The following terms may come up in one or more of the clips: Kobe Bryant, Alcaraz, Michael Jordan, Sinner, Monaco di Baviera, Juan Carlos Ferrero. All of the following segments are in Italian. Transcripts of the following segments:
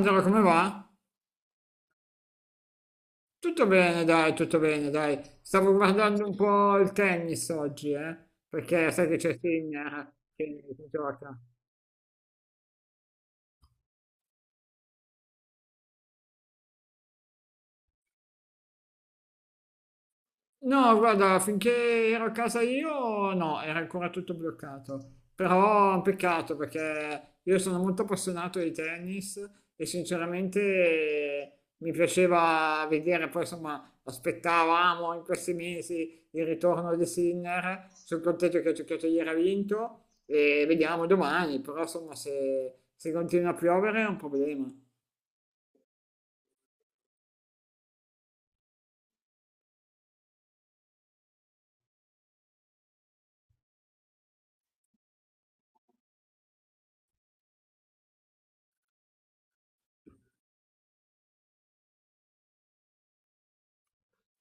Angelo, come va? Tutto bene, dai, tutto bene, dai. Stavo guardando un po' il tennis oggi, perché sai che c'è Sinner che gioca. No, guarda, finché ero a casa io, no, era ancora tutto bloccato. Però è un peccato perché io sono molto appassionato di tennis e sinceramente mi piaceva vedere, poi insomma, aspettavamo in questi mesi il ritorno di Sinner. Sono contento che ha giocato ieri ha vinto e vediamo domani, però insomma, se continua a piovere è un problema.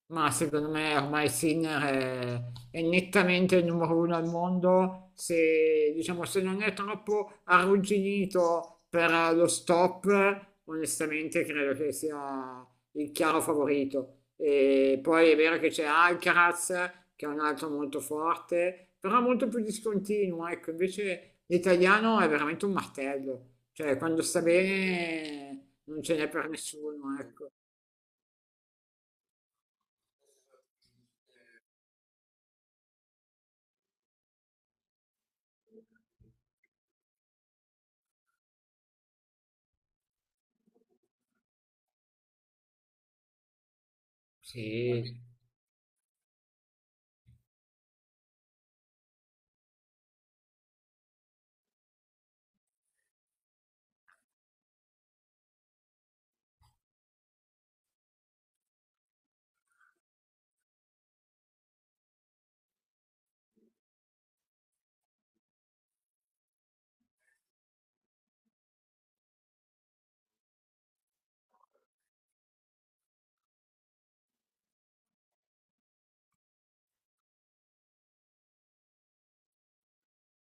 Ma secondo me ormai Sinner è nettamente il numero uno al mondo, se, diciamo, se non è troppo arrugginito per lo stop, onestamente credo che sia il chiaro favorito. E poi è vero che c'è Alcaraz, che è un altro molto forte, però molto più discontinuo, ecco, invece l'italiano è veramente un martello, cioè quando sta bene non ce n'è per nessuno, ecco. Sì,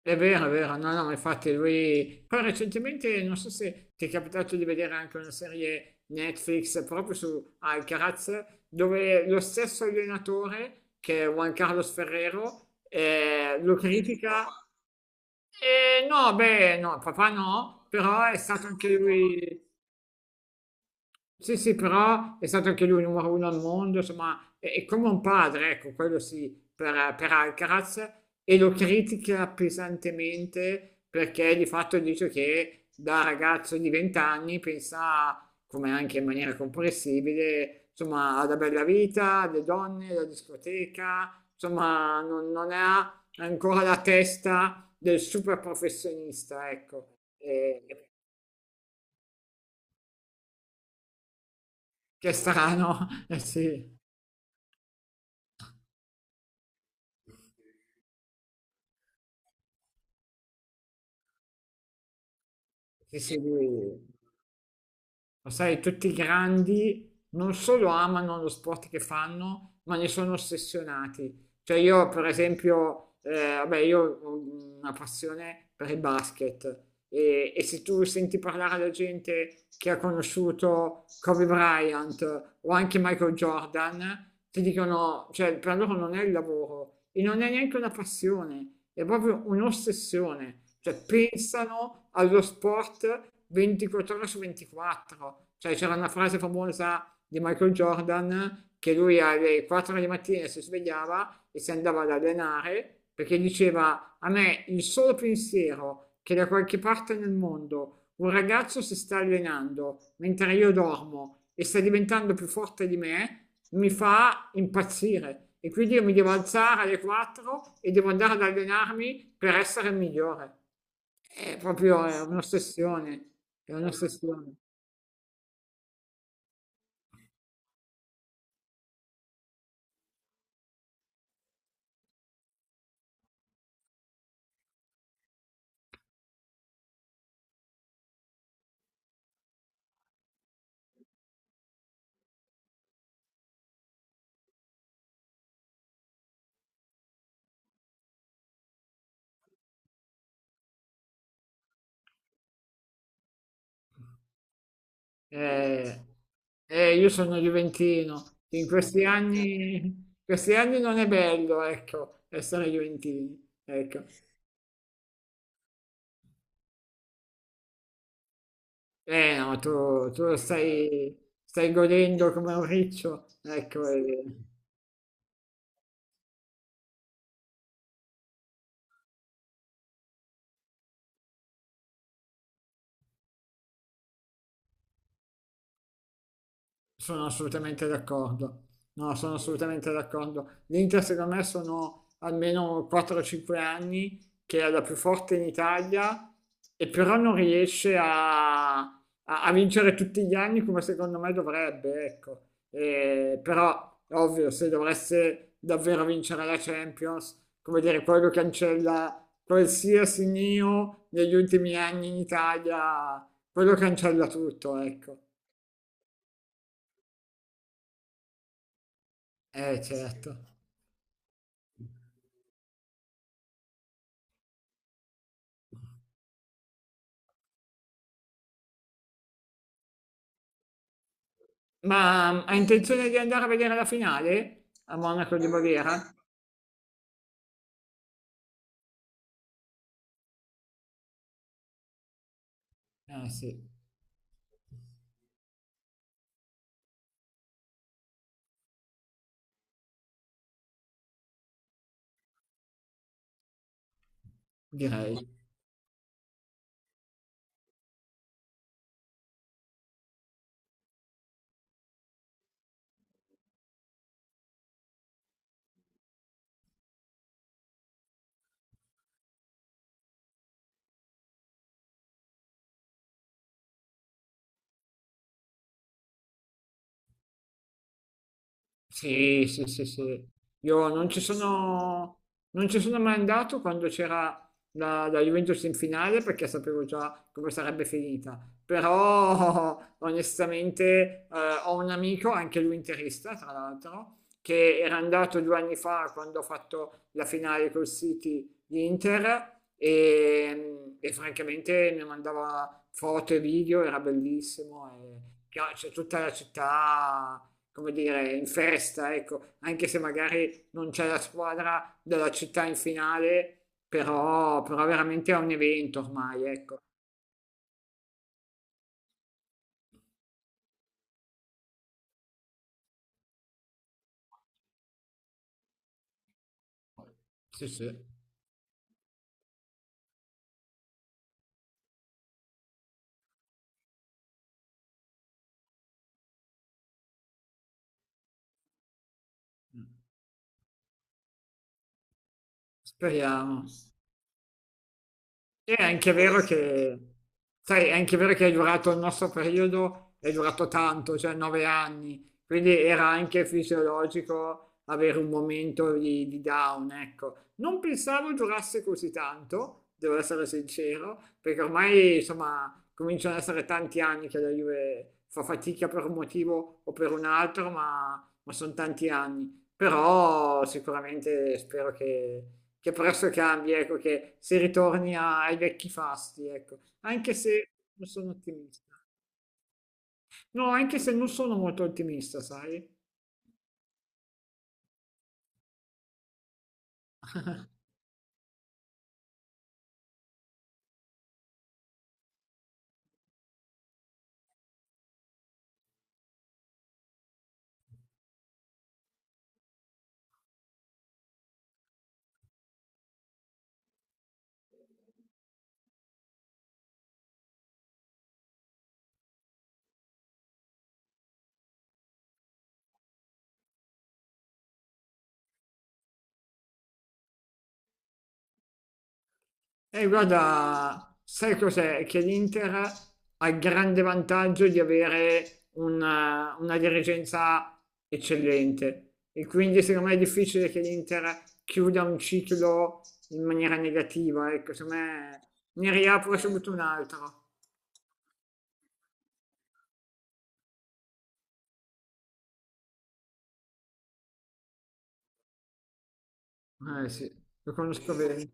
è vero, è vero, no, no, infatti lui. Poi recentemente, non so se ti è capitato di vedere anche una serie Netflix proprio su Alcaraz, dove lo stesso allenatore, che è Juan Carlos Ferrero, lo critica. No, beh, no, papà no, però è stato anche lui. Sì, sì, però è stato anche lui numero uno al mondo, insomma, è come un padre, ecco, quello sì, per Alcaraz, e lo critica pesantemente perché di fatto dice che da ragazzo di 20 anni pensa, come anche in maniera comprensibile, insomma, alla bella vita, alle donne, alla discoteca, insomma, non ha ancora la testa del super professionista, ecco. E- che è strano, eh sì. Sì, sì, lo sai, tutti i grandi non solo amano lo sport che fanno, ma ne sono ossessionati. Cioè io, per esempio, vabbè, io ho una passione per il basket e se tu senti parlare da gente che ha conosciuto Kobe Bryant o anche Michael Jordan, ti dicono, cioè per loro non è il lavoro e non è neanche una passione, è proprio un'ossessione, cioè pensano allo sport 24 ore su 24, cioè c'era una frase famosa di Michael Jordan che lui alle 4 di mattina si svegliava e si andava ad allenare perché diceva a me il solo pensiero che da qualche parte nel mondo un ragazzo si sta allenando mentre io dormo e sta diventando più forte di me, mi fa impazzire e quindi io mi devo alzare alle 4 e devo andare ad allenarmi per essere il migliore. È un'ossessione, è un'ossessione. Eh, io sono juventino, in questi anni non è bello, ecco, essere juventini. Ecco. Eh no, stai godendo come un riccio, ecco. Eh. Sono assolutamente d'accordo. No, sono assolutamente d'accordo. L'Inter, secondo me, sono almeno 4-5 anni che è la più forte in Italia e però non riesce a vincere tutti gli anni come secondo me dovrebbe, ecco. E, però, ovvio, se dovesse davvero vincere la Champions, come dire, quello cancella qualsiasi neo negli ultimi anni in Italia, quello cancella tutto, ecco. Certo. Ma ha intenzione di andare a vedere la finale a Monaco di Baviera? Eh sì, direi. Sì, sì, sì, sì. Io non non ci sono mai andato quando c'era la Juventus in finale perché sapevo già come sarebbe finita. Però onestamente ho un amico, anche lui interista, tra l'altro, che era andato due anni fa quando ho fatto la finale col City di Inter e francamente mi mandava foto e video, era bellissimo. E, cioè, c'è tutta la città come dire, in festa, ecco, anche se magari non c'è la squadra della città in finale, però, però veramente è un evento ormai, ecco. Sì, sì. Speriamo. È anche vero che, sai, è anche vero che è durato il nostro periodo, è durato tanto, cioè 9 anni, quindi era anche fisiologico avere un momento di down, ecco. Non pensavo durasse così tanto, devo essere sincero, perché ormai, insomma, cominciano ad essere tanti anni che la Juve fa fatica per un motivo o per un altro, ma sono tanti anni. Però sicuramente spero che presto cambi, ecco, che si ritorni ai vecchi fasti, ecco. Anche se non sono ottimista. No, anche se non sono molto ottimista, sai? E guarda, sai cos'è? Che l'Inter ha il grande vantaggio di avere una dirigenza eccellente e quindi secondo me è difficile che l'Inter chiuda un ciclo in maniera negativa, ecco, secondo me ne riapre subito un altro. Eh sì, lo conosco bene.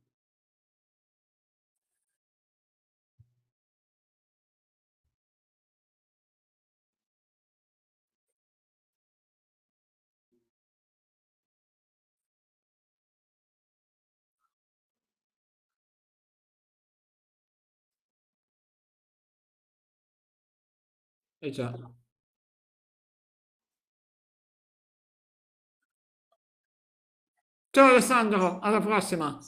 Eh già. Ciao Alessandro, alla prossima!